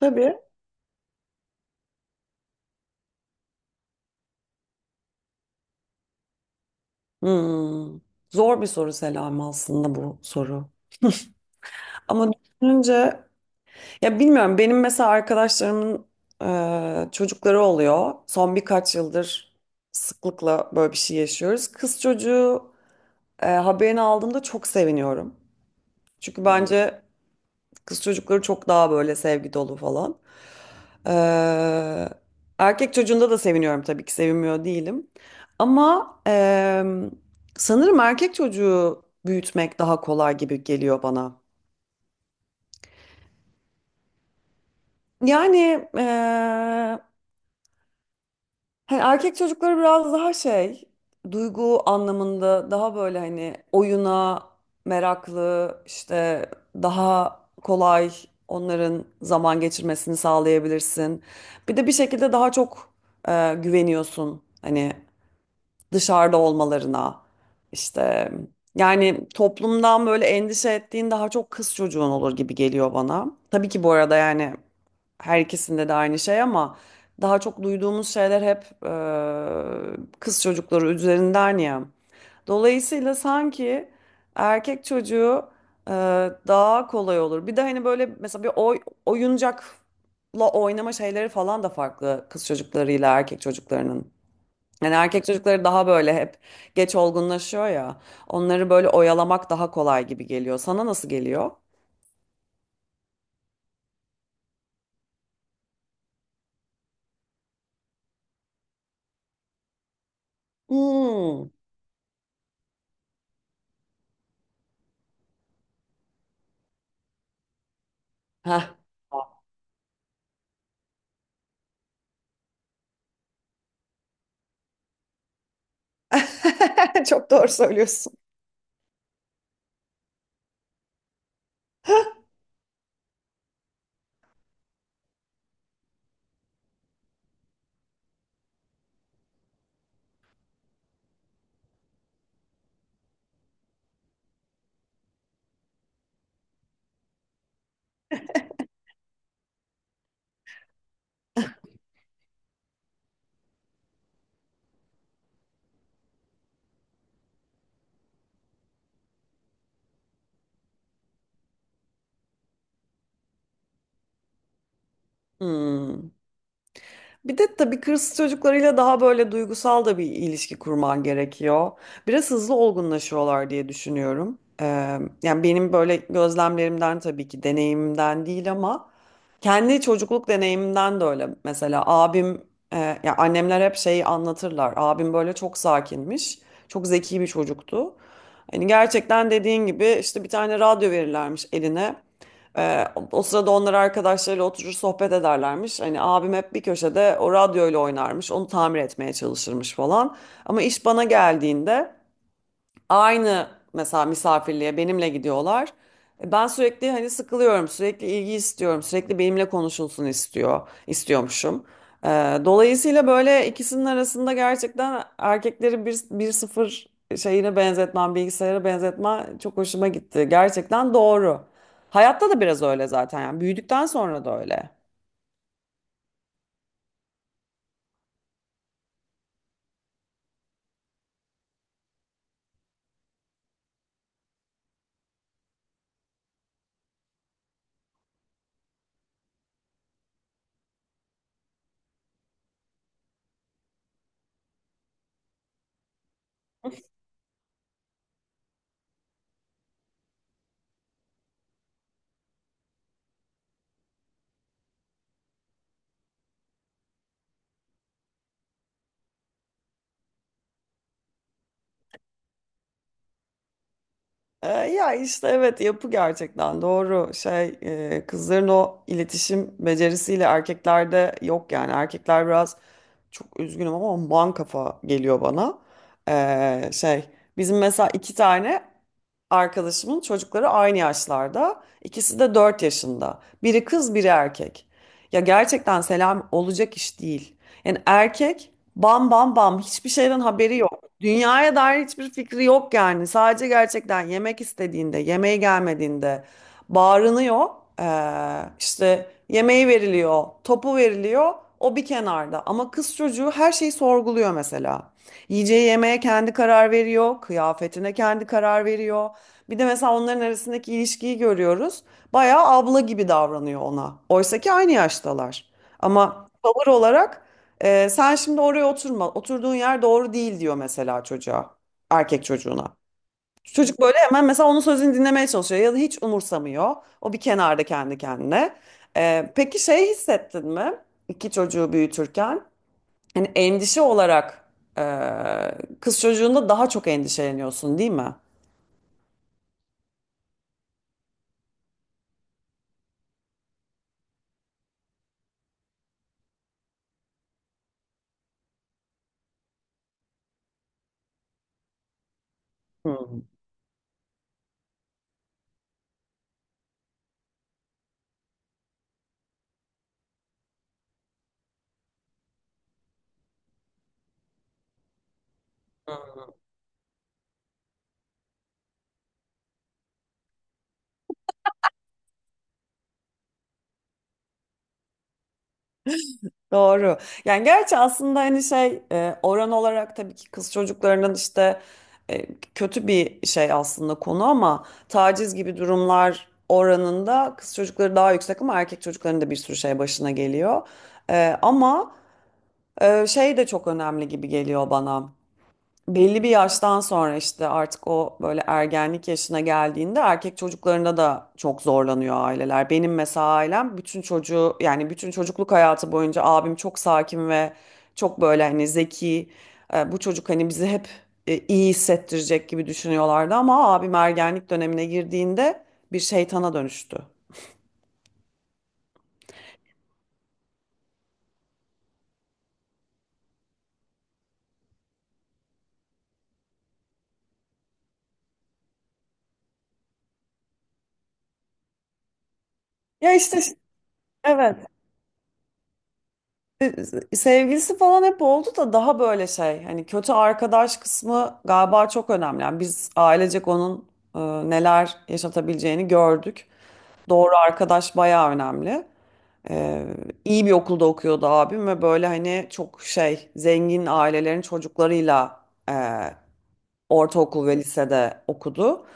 Tabii. Hmm. Zor bir soru, Selam, aslında bu soru. Ama düşününce ya bilmiyorum, benim mesela arkadaşlarımın çocukları oluyor. Son birkaç yıldır sıklıkla böyle bir şey yaşıyoruz. Kız çocuğu haberini aldığımda çok seviniyorum. Çünkü bence kız çocukları çok daha böyle sevgi dolu falan. Ee, Erkek çocuğunda da seviniyorum, tabii ki sevinmiyor değilim. Ama sanırım erkek çocuğu büyütmek daha kolay gibi geliyor bana. Yani hani erkek çocukları biraz daha şey, duygu anlamında daha böyle, hani oyuna meraklı, işte daha kolay onların zaman geçirmesini sağlayabilirsin. Bir de bir şekilde daha çok güveniyorsun hani dışarıda olmalarına. İşte yani toplumdan böyle endişe ettiğin daha çok kız çocuğun olur gibi geliyor bana. Tabii ki bu arada yani her ikisinde de aynı şey, ama daha çok duyduğumuz şeyler hep kız çocukları üzerinden ya. Dolayısıyla sanki erkek çocuğu e, daha kolay olur. Bir de hani böyle mesela bir oyuncakla oynama şeyleri falan da farklı kız çocuklarıyla erkek çocuklarının. Yani erkek çocukları daha böyle hep geç olgunlaşıyor ya. Onları böyle oyalamak daha kolay gibi geliyor. Sana nasıl geliyor? Hmm. Heh. Çok doğru söylüyorsun. Hmm. Bir de tabii kız çocuklarıyla daha böyle duygusal da bir ilişki kurman gerekiyor. Biraz hızlı olgunlaşıyorlar diye düşünüyorum. Yani benim böyle gözlemlerimden, tabii ki deneyimimden değil, ama kendi çocukluk deneyimimden de öyle. Mesela abim, ya annemler hep şeyi anlatırlar. Abim böyle çok sakinmiş, çok zeki bir çocuktu. Hani gerçekten dediğin gibi işte bir tane radyo verirlermiş eline. Ee, O sırada onlar arkadaşlarıyla oturur sohbet ederlermiş. Hani abim hep bir köşede o radyoyla oynarmış. Onu tamir etmeye çalışırmış falan. Ama iş bana geldiğinde aynı, mesela misafirliğe benimle gidiyorlar. Ben sürekli hani sıkılıyorum, sürekli ilgi istiyorum, sürekli benimle konuşulsun istiyormuşum. E, Dolayısıyla böyle ikisinin arasında gerçekten erkekleri bir sıfır şeyine benzetmem, bilgisayara benzetme çok hoşuma gitti. Gerçekten doğru. Hayatta da biraz öyle zaten, yani büyüdükten sonra da öyle. Ya işte evet, yapı gerçekten doğru şey, kızların o iletişim becerisiyle erkeklerde yok yani. Erkekler biraz, çok üzgünüm ama, man kafa geliyor bana. Şey, bizim mesela iki tane arkadaşımın çocukları aynı yaşlarda. İkisi de 4 yaşında. Biri kız, biri erkek. Ya gerçekten selam olacak iş değil. Yani erkek bam bam bam, hiçbir şeyden haberi yok. Dünyaya dair hiçbir fikri yok yani. Sadece gerçekten yemek istediğinde, yemeğe gelmediğinde bağırınıyor. İşte yemeği veriliyor, topu veriliyor. O bir kenarda. Ama kız çocuğu her şeyi sorguluyor mesela. Yiyeceği yemeğe kendi karar veriyor, kıyafetine kendi karar veriyor. Bir de mesela onların arasındaki ilişkiyi görüyoruz. Bayağı abla gibi davranıyor ona. Oysa ki aynı yaştalar. Ama tavır olarak sen şimdi oraya oturma. Oturduğun yer doğru değil diyor mesela çocuğa. Erkek çocuğuna. Çocuk böyle hemen mesela onun sözünü dinlemeye çalışıyor ya da hiç umursamıyor. O bir kenarda kendi kendine. Peki şey, hissettin mi? İki çocuğu büyütürken hani endişe olarak kız çocuğunda daha çok endişeleniyorsun değil mi? Hmm. Doğru. Yani gerçi aslında hani şey, oran olarak tabii ki kız çocuklarının işte, e, kötü bir şey aslında konu, ama taciz gibi durumlar oranında kız çocukları daha yüksek, ama erkek çocukların da bir sürü şey başına geliyor. Ama şey de çok önemli gibi geliyor bana. Belli bir yaştan sonra, işte artık o böyle ergenlik yaşına geldiğinde, erkek çocuklarında da çok zorlanıyor aileler. Benim mesela ailem bütün çocuğu, yani bütün çocukluk hayatı boyunca abim çok sakin ve çok böyle hani zeki. Bu çocuk hani bizi hep iyi hissettirecek gibi düşünüyorlardı, ama abim ergenlik dönemine girdiğinde bir şeytana dönüştü. Ya işte evet. Sevgilisi falan hep oldu da daha böyle şey, hani kötü arkadaş kısmı galiba çok önemli. Yani biz ailecek onun neler yaşatabileceğini gördük. Doğru arkadaş bayağı önemli. E, iyi bir okulda okuyordu abim ve böyle hani çok şey, zengin ailelerin çocuklarıyla ortaokul ve lisede okudu.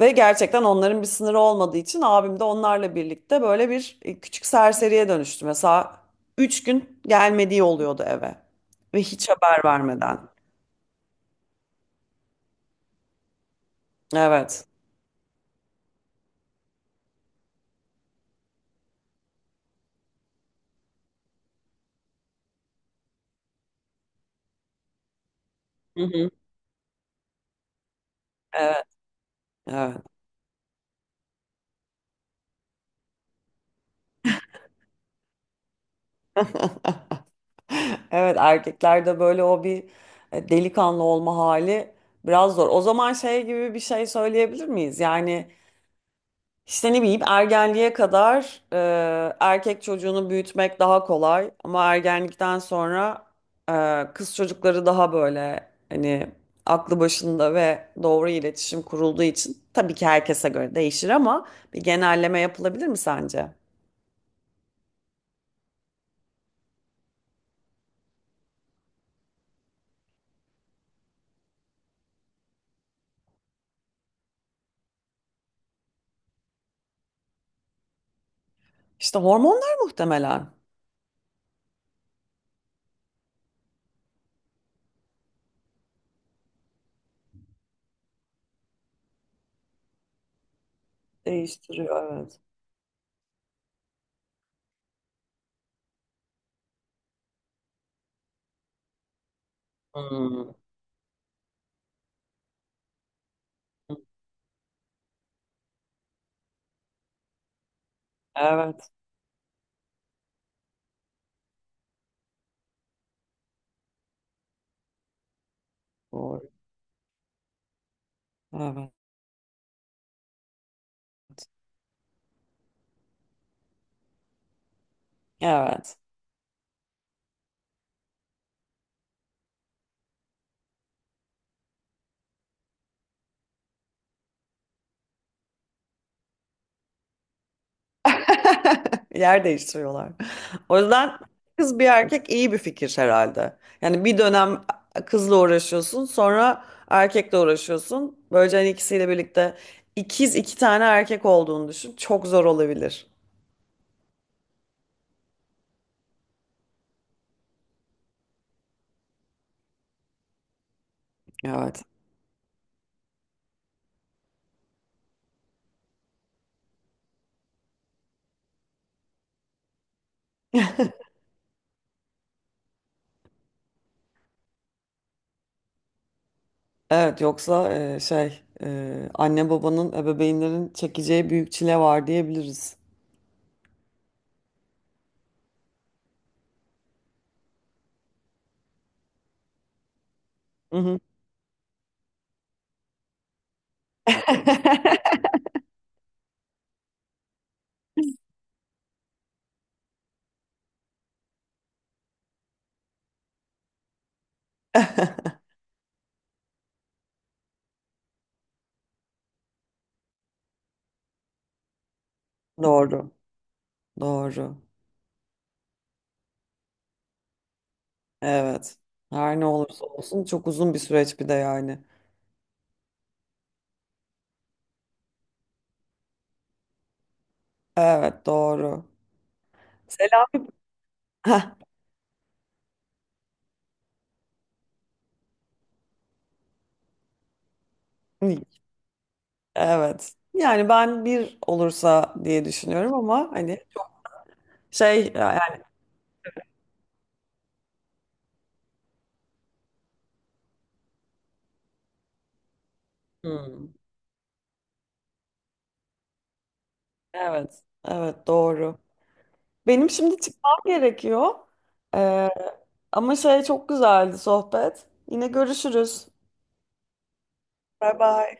Ve gerçekten onların bir sınırı olmadığı için abim de onlarla birlikte böyle bir küçük serseriye dönüştü. Mesela 3 gün gelmediği oluyordu eve ve hiç haber vermeden. Evet. Hı hı. Evet. Evet. Evet, erkeklerde böyle o bir delikanlı olma hali biraz zor. O zaman şey gibi bir şey söyleyebilir miyiz? Yani İşte ne bileyim, ergenliğe kadar erkek çocuğunu büyütmek daha kolay, ama ergenlikten sonra kız çocukları daha böyle, hani aklı başında ve doğru iletişim kurulduğu için, tabii ki herkese göre değişir ama bir genelleme yapılabilir mi sence? İşte hormonlar muhtemelen. Değiştiriyor, evet. Hmm. Evet. Doğru. Evet. Evet. Yer değiştiriyorlar. O yüzden kız bir erkek iyi bir fikir herhalde. Yani bir dönem kızla uğraşıyorsun, sonra erkekle uğraşıyorsun. Böylece hani ikisiyle birlikte ikiz iki tane erkek olduğunu düşün, çok zor olabilir. Evet. Evet, yoksa şey, anne babanın ebeveynlerin çekeceği büyük çile var diyebiliriz. Hı hı. Doğru. Doğru. Evet. Her ne olursa olsun çok uzun bir süreç bir de, yani. Evet, doğru. Selami, heh, evet. Yani ben bir olursa diye düşünüyorum ama hani çok şey yani. Hmm. Evet evet, doğru. Benim şimdi çıkmam gerekiyor. Ee, Ama şey, çok güzeldi sohbet. Yine görüşürüz. Bay bay.